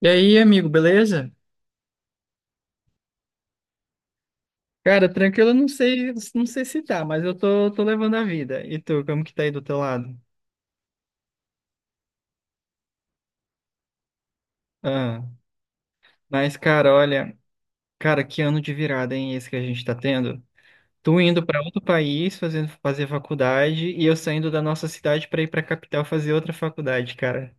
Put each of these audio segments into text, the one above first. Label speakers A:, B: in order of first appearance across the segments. A: E aí, amigo, beleza? Cara, tranquilo, eu não sei, não sei se tá, mas eu tô, levando a vida. E tu, como que tá aí do teu lado? Ah, mas, cara, olha, Cara, que ano de virada, hein, esse que a gente tá tendo? Tu indo pra outro país, fazendo fazer faculdade, e eu saindo da nossa cidade pra ir pra capital fazer outra faculdade, cara.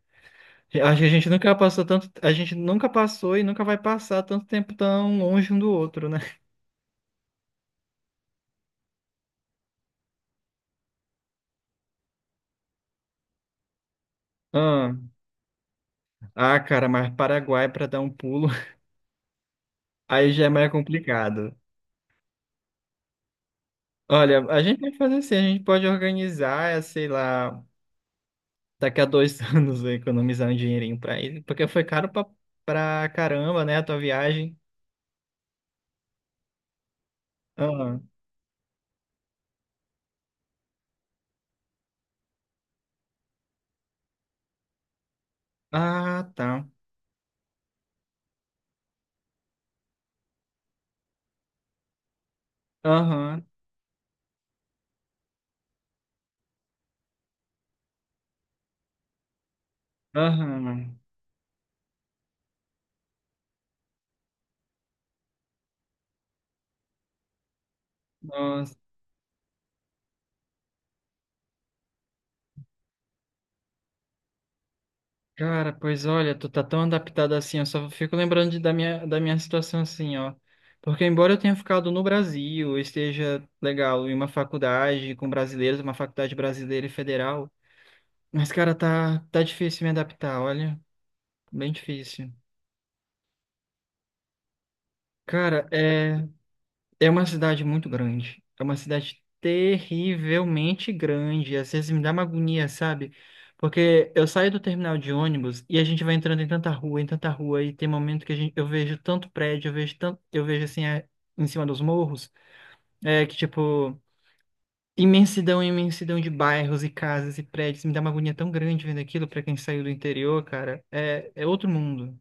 A: Acho que a gente nunca passou tanto, a gente nunca passou e nunca vai passar tanto tempo tão longe um do outro, né? Ah, cara, mas Paraguai pra dar um pulo, aí já é mais complicado. Olha, a gente pode fazer assim, a gente pode organizar, sei lá, daqui a dois anos economizar um dinheirinho pra ir, porque foi caro pra, pra caramba, né, a tua viagem. Aham. Ah, tá. Aham, aham. Nossa, cara, pois olha, tu tá tão adaptado assim, eu só fico lembrando da minha situação assim, ó. Porque embora eu tenha ficado no Brasil, eu esteja legal em uma faculdade com brasileiros, uma faculdade brasileira e federal, mas, cara, tá difícil me adaptar, olha. Bem difícil. Cara, é, é uma cidade muito grande. É uma cidade terrivelmente grande. Às vezes me dá uma agonia, sabe? Porque eu saio do terminal de ônibus e a gente vai entrando em tanta rua, e tem momento que a gente, eu vejo tanto prédio, eu vejo tanto, eu vejo assim, em cima dos morros, é que tipo, imensidão, imensidão de bairros e casas e prédios. Me dá uma agonia tão grande vendo aquilo pra quem saiu do interior, cara. É, é outro mundo.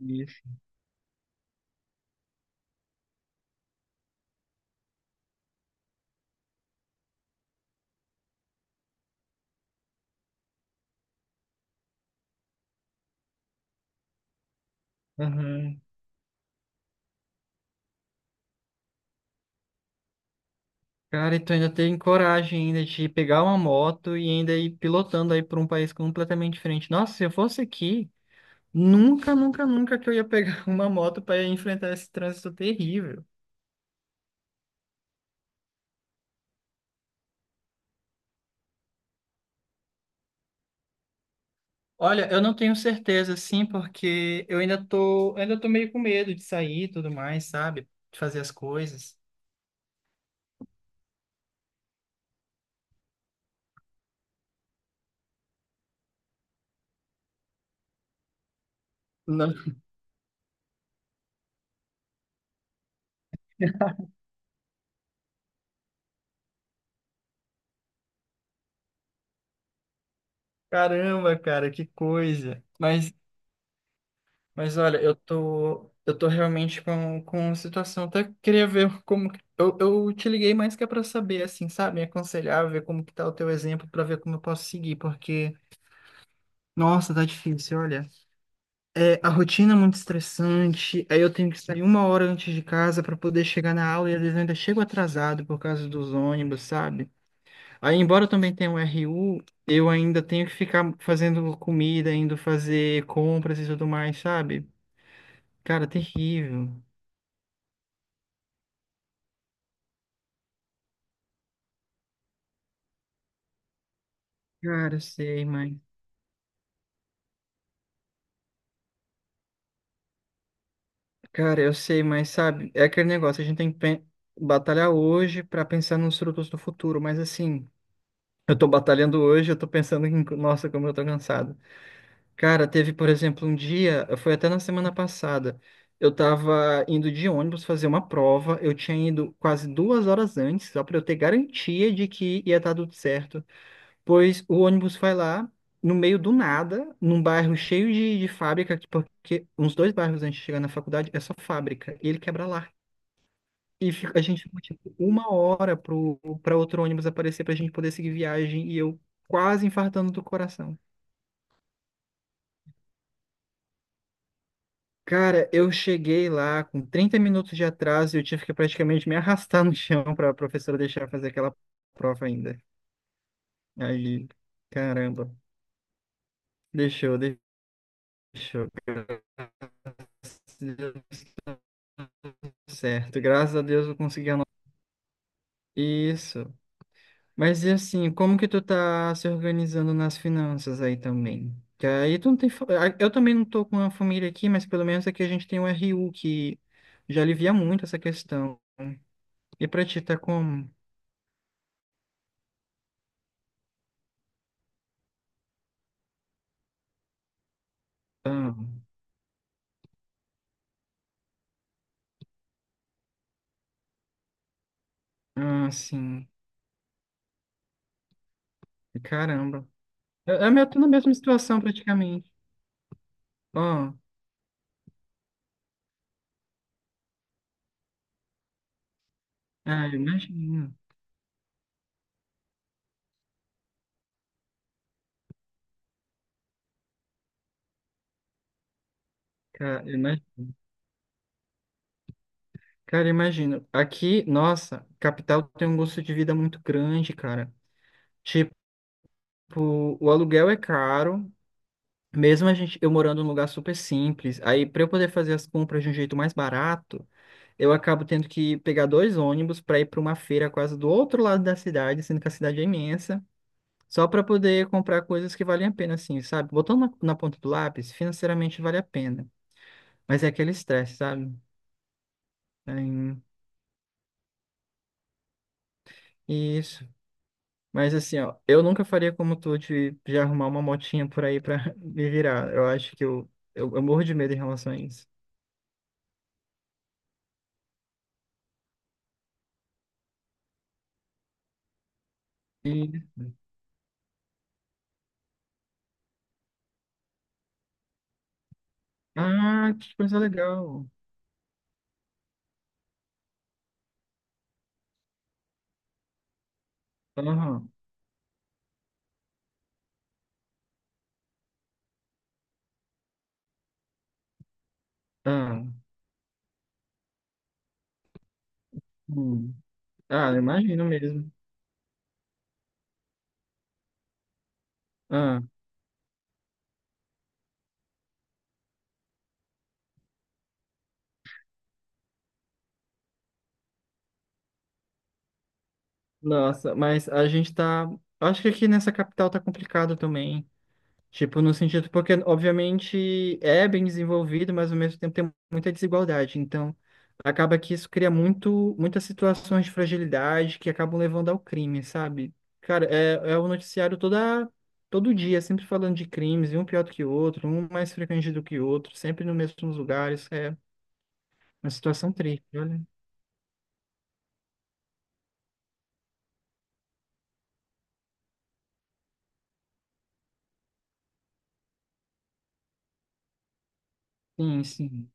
A: Isso. Aham. Cara, e tu ainda tem coragem ainda de pegar uma moto e ainda ir pilotando aí para um país completamente diferente. Nossa, se eu fosse aqui, nunca, nunca, nunca que eu ia pegar uma moto para enfrentar esse trânsito terrível. Olha, eu não tenho certeza, assim, porque eu ainda tô meio com medo de sair e tudo mais, sabe? De fazer as coisas. Não. Caramba, cara, que coisa. Mas olha, eu tô realmente com uma situação. Até queria ver como. Eu te liguei mais que é pra saber, assim, sabe? Me aconselhar, ver como que tá o teu exemplo, pra ver como eu posso seguir, porque. Nossa, tá difícil, olha. É, a rotina é muito estressante, aí eu tenho que sair uma hora antes de casa pra poder chegar na aula e às vezes eu ainda chego atrasado por causa dos ônibus, sabe? Aí, embora eu também tenha um RU, eu ainda tenho que ficar fazendo comida, indo fazer compras e tudo mais, sabe? Cara, terrível. Cara, eu sei, mãe. Cara, eu sei, mas sabe, é aquele negócio, a gente tem que batalhar hoje para pensar nos frutos do futuro, mas assim, eu tô batalhando hoje, eu tô pensando em, nossa, como eu tô cansado. Cara, teve, por exemplo, um dia, foi até na semana passada, eu tava indo de ônibus fazer uma prova, eu tinha ido quase duas horas antes, só para eu ter garantia de que ia estar tudo certo. Pois o ônibus vai lá, no meio do nada, num bairro cheio de fábrica, porque uns dois bairros antes de chegar na faculdade é só fábrica, e ele quebra lá. A gente ficou tipo uma hora pro, pra outro ônibus aparecer pra gente poder seguir viagem, e eu quase infartando do coração. Cara, eu cheguei lá com 30 minutos de atraso e eu tive que praticamente me arrastar no chão pra professora deixar eu fazer aquela prova ainda. Aí, caramba, deixou, deixou. Certo, graças a Deus eu consegui anotar isso. Mas e assim, como que tu tá se organizando nas finanças aí também? Que aí tu não tem. Eu também não tô com uma família aqui, mas pelo menos aqui a gente tem um RU que já alivia muito essa questão. E pra ti tá como? Ah, sim. Caramba. Eu tô na mesma situação praticamente. Ó, ah, eu imagino. Cara, imagina. Cara, eu imagino. Aqui, nossa, capital tem um gosto de vida muito grande, cara. Tipo, Tipo, o aluguel é caro, mesmo a gente, eu morando num lugar super simples. Aí, para eu poder fazer as compras de um jeito mais barato, eu acabo tendo que pegar dois ônibus para ir para uma feira quase do outro lado da cidade, sendo que a cidade é imensa, só para poder comprar coisas que valem a pena, assim, sabe? Botando na, na ponta do lápis, financeiramente vale a pena, mas é aquele estresse, sabe? Aí, isso. Mas assim, ó, eu nunca faria como tu de arrumar uma motinha por aí para me virar. Eu acho que eu morro de medo em relação a isso. Ah, que coisa legal. Aham. Ah, hum. Ah, eu imagino mesmo. Ah, nossa, mas a gente tá. Acho que aqui nessa capital tá complicado também. Tipo, no sentido, porque obviamente é bem desenvolvido, mas ao mesmo tempo tem muita desigualdade. Então, acaba que isso cria muito, muitas situações de fragilidade que acabam levando ao crime, sabe? Cara, é, é o noticiário toda, todo dia, sempre falando de crimes, e um pior do que o outro, um mais frequente do que o outro, sempre nos mesmos lugares. É uma situação triste, olha. Sim, sim.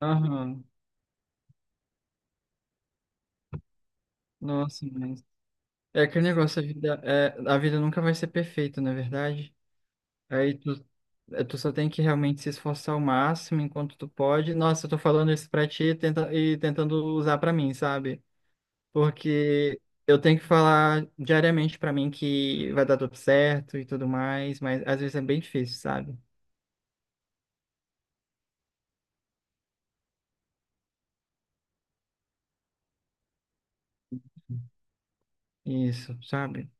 A: Aham. Nossa, mas. É aquele negócio, a vida, é, a vida nunca vai ser perfeita, não é verdade? Aí tu, tu só tem que realmente se esforçar ao máximo enquanto tu pode. Nossa, eu tô falando isso pra ti tenta, e tentando usar pra mim, sabe? Porque eu tenho que falar diariamente pra mim que vai dar tudo certo e tudo mais, mas às vezes é bem difícil, sabe? Isso, sabe?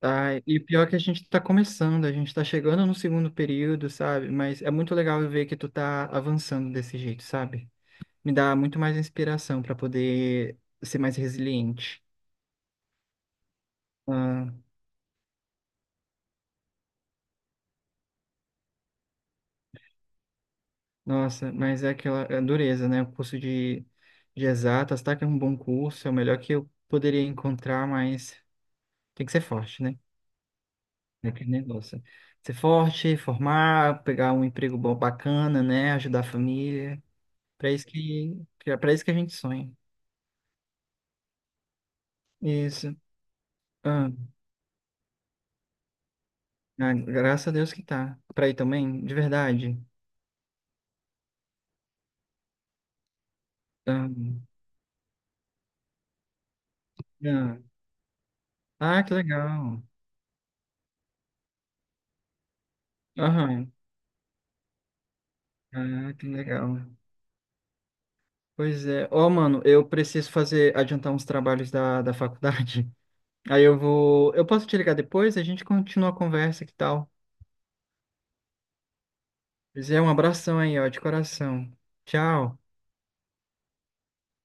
A: Ah, e pior é que a gente tá começando, a gente tá chegando no segundo período, sabe? Mas é muito legal ver que tu tá avançando desse jeito, sabe? Me dá muito mais inspiração pra poder ser mais resiliente. Nossa, mas é aquela é dureza, né? O curso de exatas, tá? Que é um bom curso, é o melhor que eu poderia encontrar, mas tem que ser forte, né? É aquele negócio. Ser forte, formar, pegar um emprego bom, bacana, né? Ajudar a família. Pra isso pra isso que a gente sonha. Isso. Ah, graças a Deus que tá. Pra ir também, de verdade. Ah, ah. Ah, que legal. Aham. Ah, que legal. Pois é. Ó, mano, eu preciso fazer, adiantar uns trabalhos da, da faculdade. Aí eu vou. Eu posso te ligar depois? A gente continua a conversa, que tal? Pois é, um abração aí, ó, de coração. Tchau.